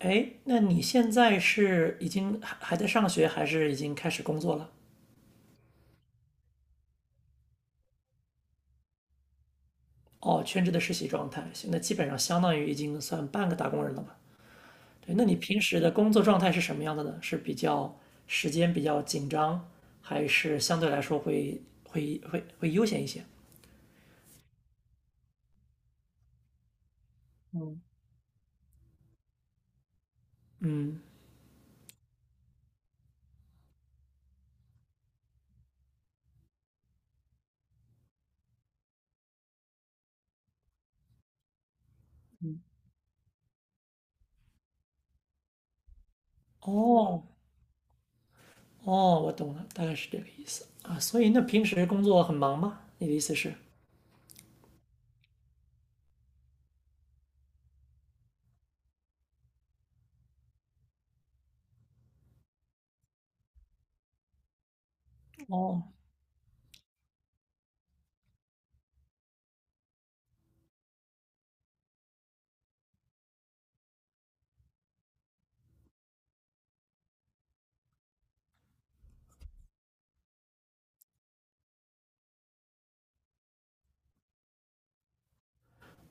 哎，那你现在是已经还在上学，还是已经开始工作了？哦，全职的实习状态，行那基本上相当于已经算半个打工人了吧？对，那你平时的工作状态是什么样的呢？是比较时间比较紧张，还是相对来说会悠闲一些？嗯，哦哦，我懂了，大概是这个意思啊。所以那平时工作很忙吗？你的意思是？哦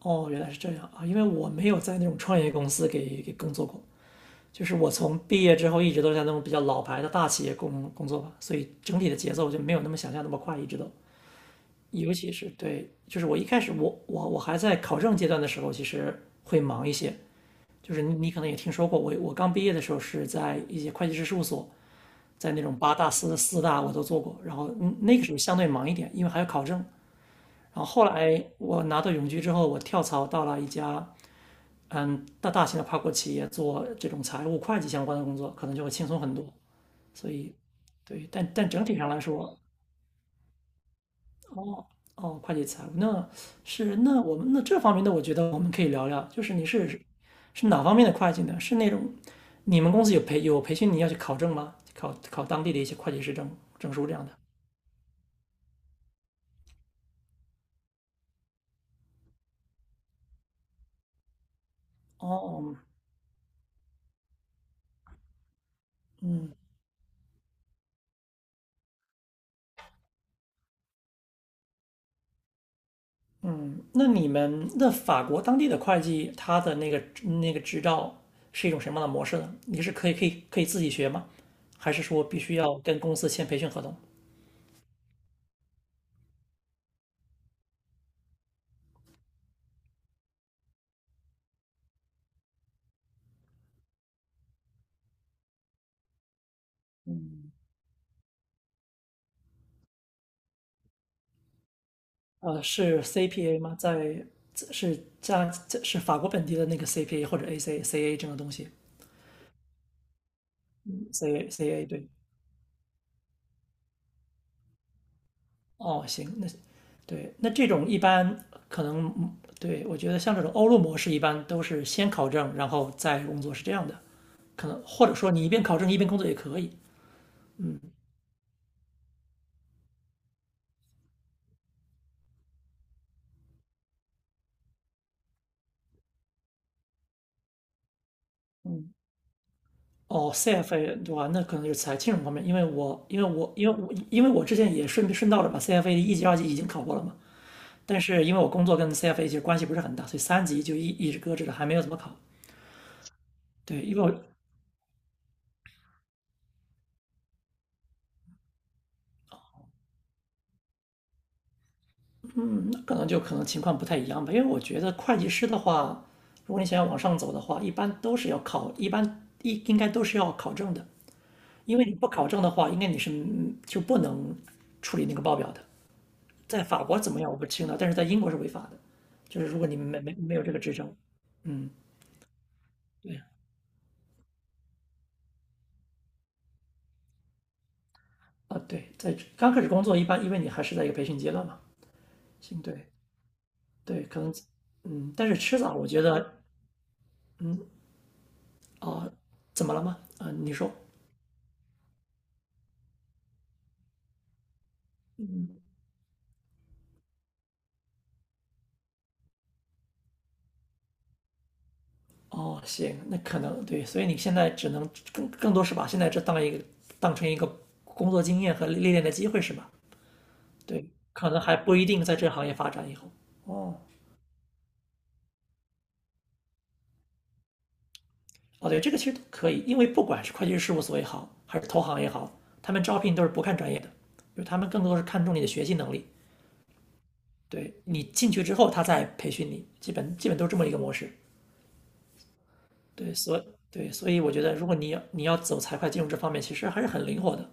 哦，原来是这样啊，因为我没有在那种创业公司给工作过，就是我从毕业之后一直都在那种比较老牌的大企业工作吧，所以整体的节奏就没有那么想象那么快，一直都。尤其是对，就是我一开始我还在考证阶段的时候，其实会忙一些。就是你可能也听说过，我刚毕业的时候是在一些会计师事务所，在那种八大四大我都做过，然后嗯那个时候相对忙一点，因为还要考证。然后后来我拿到永居之后，我跳槽到了一家嗯大型的跨国企业做这种财务会计相关的工作，可能就会轻松很多。所以对，但但整体上来说，哦，哦，会计财务那是那我们那这方面的，我觉得我们可以聊聊，就是你是是哪方面的会计呢？是那种你们公司有培训你要去考证吗？考当地的一些会计师证书这样的？哦，嗯，那你们那法国当地的会计，他的那个那个执照是一种什么样的模式呢？你是可以自己学吗？还是说必须要跟公司签培训合同？呃，是 CPA 吗？在是加这是法国本地的那个 CPA 或者 AC CA 这种东西，CA CA 对。哦，行，那对，那这种一般可能嗯对我觉得像这种欧陆模式一般都是先考证，然后再工作是这样的，可能或者说你一边考证一边工作也可以。哦，CFA 对吧？那可能就是财金融方面，因为我之前也顺顺道的把 CFA 的一级、二级已经考过了嘛，但是因为我工作跟 CFA 其实关系不是很大，所以三级就一直搁置着，还没有怎么考。对，因为我那可能就可能情况不太一样吧，因为我觉得会计师的话，如果你想要往上走的话，一般都是要考，一般应该都是要考证的，因为你不考证的话，应该你是嗯就不能处理那个报表的。在法国怎么样我不清了，但是在英国是违法的，就是如果你没有这个执照，嗯，对啊，啊对，在刚开始工作一般，因为你还是在一个培训阶段嘛，行，对，对，可能，嗯，但是迟早我觉得，嗯，哦，怎么了吗？啊、你说，哦，行，那可能对，所以你现在只能更多是把现在这当一个当成一个工作经验和历练的机会是吧？对，可能还不一定在这个行业发展以后。哦，哦，对，这个其实都可以，因为不管是会计师事务所也好，还是投行也好，他们招聘都是不看专业的，就是他们更多是看重你的学习能力。对，你进去之后，他再培训你，基本都是这么一个模式。对，所以对，所以我觉得，如果你要走财会金融这方面，其实还是很灵活的。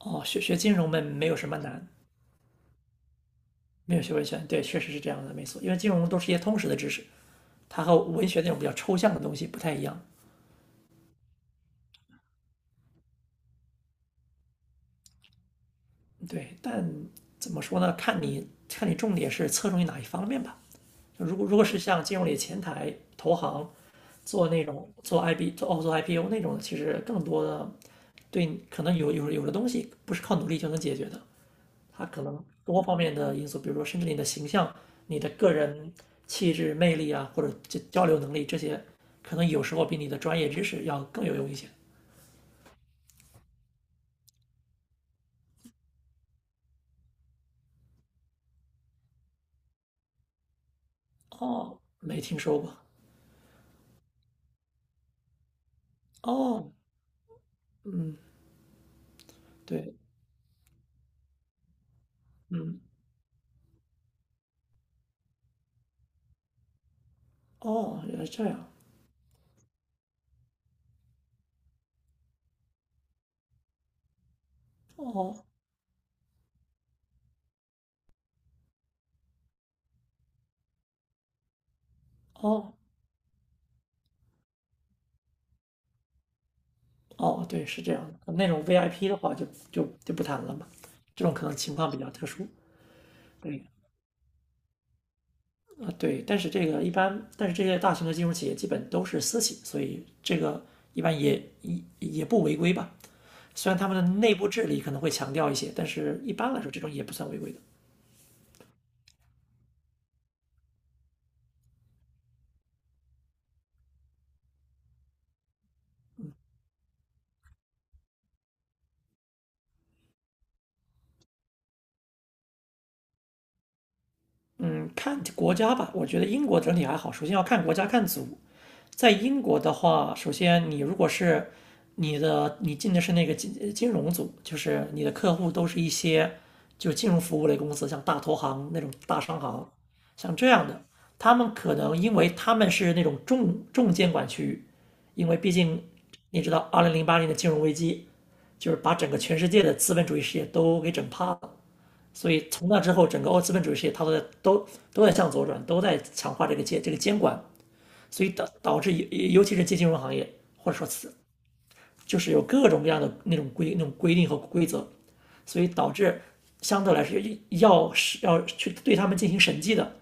哦，学金融没有什么难，没有学文学，对，确实是这样的，没错。因为金融都是一些通识的知识，它和文学那种比较抽象的东西不太一样。对，但怎么说呢？看你重点是侧重于哪一方面吧。如果如果是像金融里前台、投行做那种做 IB 做哦做 IPO 那种，的，其实更多的对可能有的东西不是靠努力就能解决的。它可能多方面的因素，比如说甚至你的形象、你的个人气质、魅力啊，或者这交流能力这些，可能有时候比你的专业知识要更有用一些。哦，没听说过。哦，嗯，对，嗯，哦，原来是这样。哦，哦，哦，对，是这样的。那种 VIP 的话就，就就不谈了嘛。这种可能情况比较特殊。对，啊，对，但是这个一般，但是这些大型的金融企业基本都是私企，所以这个一般也也也不违规吧。虽然他们的内部治理可能会强调一些，但是一般来说这种也不算违规的。嗯，看国家吧，我觉得英国整体还好。首先要看国家看组，在英国的话，首先你如果是你的你进的是那个金融组，就是你的客户都是一些就金融服务类公司，像大投行那种大商行，像这样的，他们可能因为他们是那种重监管区域，因为毕竟你知道，2008年的金融危机就是把整个全世界的资本主义事业都给整趴了。所以从那之后，整个欧资本主义事业它都在都在向左转，都在强化这个监管，所以导致尤其是金融行业或者说此就是有各种各样的那种规定和规则，所以导致相对来说要是要去对他们进行审计的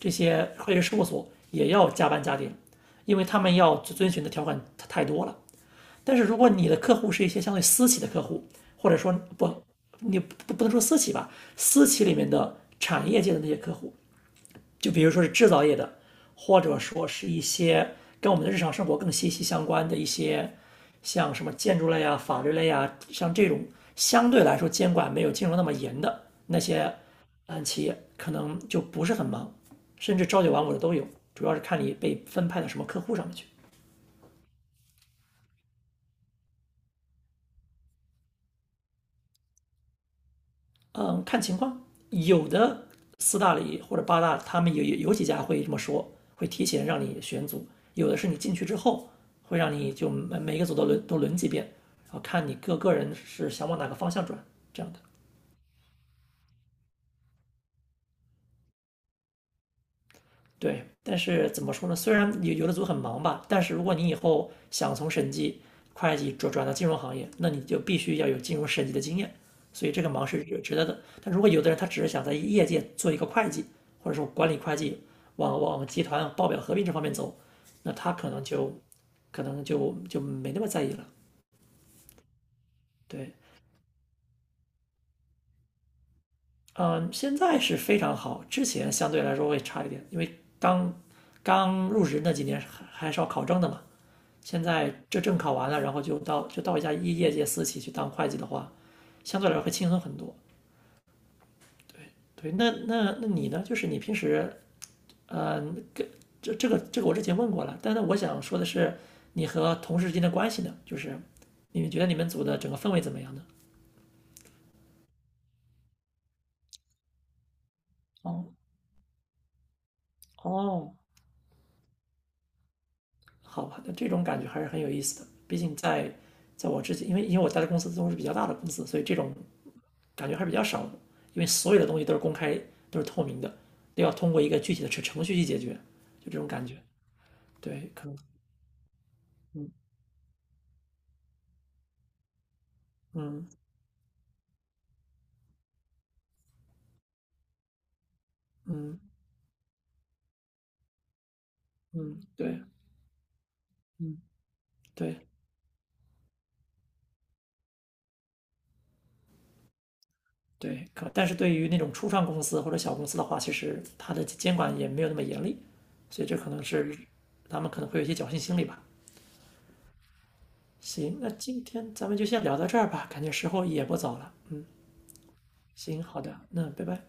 这些会计师事务所也要加班加点，因为他们要遵循的条款太多了。但是如果你的客户是一些相对私企的客户，或者说不，你不能说私企吧，私企里面的产业界的那些客户，就比如说是制造业的，或者说是一些跟我们的日常生活更息息相关的一些，像什么建筑类啊、法律类啊，像这种相对来说监管没有金融那么严的那些，嗯，企业可能就不是很忙，甚至朝九晚五的都有，主要是看你被分派到什么客户上面去。嗯，看情况，有的四大里或者八大，他们有几家会这么说，会提前让你选组；有的是你进去之后，会让你就每个组都轮几遍，然后看你各个人是想往哪个方向转这样的。对，但是怎么说呢？虽然有的组很忙吧，但是如果你以后想从审计、会计转到金融行业，那你就必须要有金融审计的经验，所以这个忙是值得的。但如果有的人他只是想在业界做一个会计，或者说管理会计，往往集团报表合并这方面走，那他可能就可能就没那么在意了。对，嗯，现在是非常好，之前相对来说会差一点，因为刚刚入职那几年还是要考证的嘛。现在这证考完了，然后就到一家业界私企去当会计的话，相对来说会轻松很多。对，那那你呢？就是你平时，嗯、跟这个我之前问过了，但是我想说的是，你和同事之间的关系呢？就是你们觉得你们组的整个氛围怎么样呢？哦，哦，好吧，那这种感觉还是很有意思的。毕竟在在我之前，因为我待的公司都是比较大的公司，所以这种感觉还是比较少的，因为所有的东西都是公开、都是透明的，都要通过一个具体的程序去解决，就这种感觉。对，可能，嗯嗯嗯嗯，对，嗯对对，可但是对于那种初创公司或者小公司的话，其实它的监管也没有那么严厉，所以这可能是他们可能会有一些侥幸心理吧。行，那今天咱们就先聊到这儿吧，感觉时候也不早了。行，好的，那拜拜。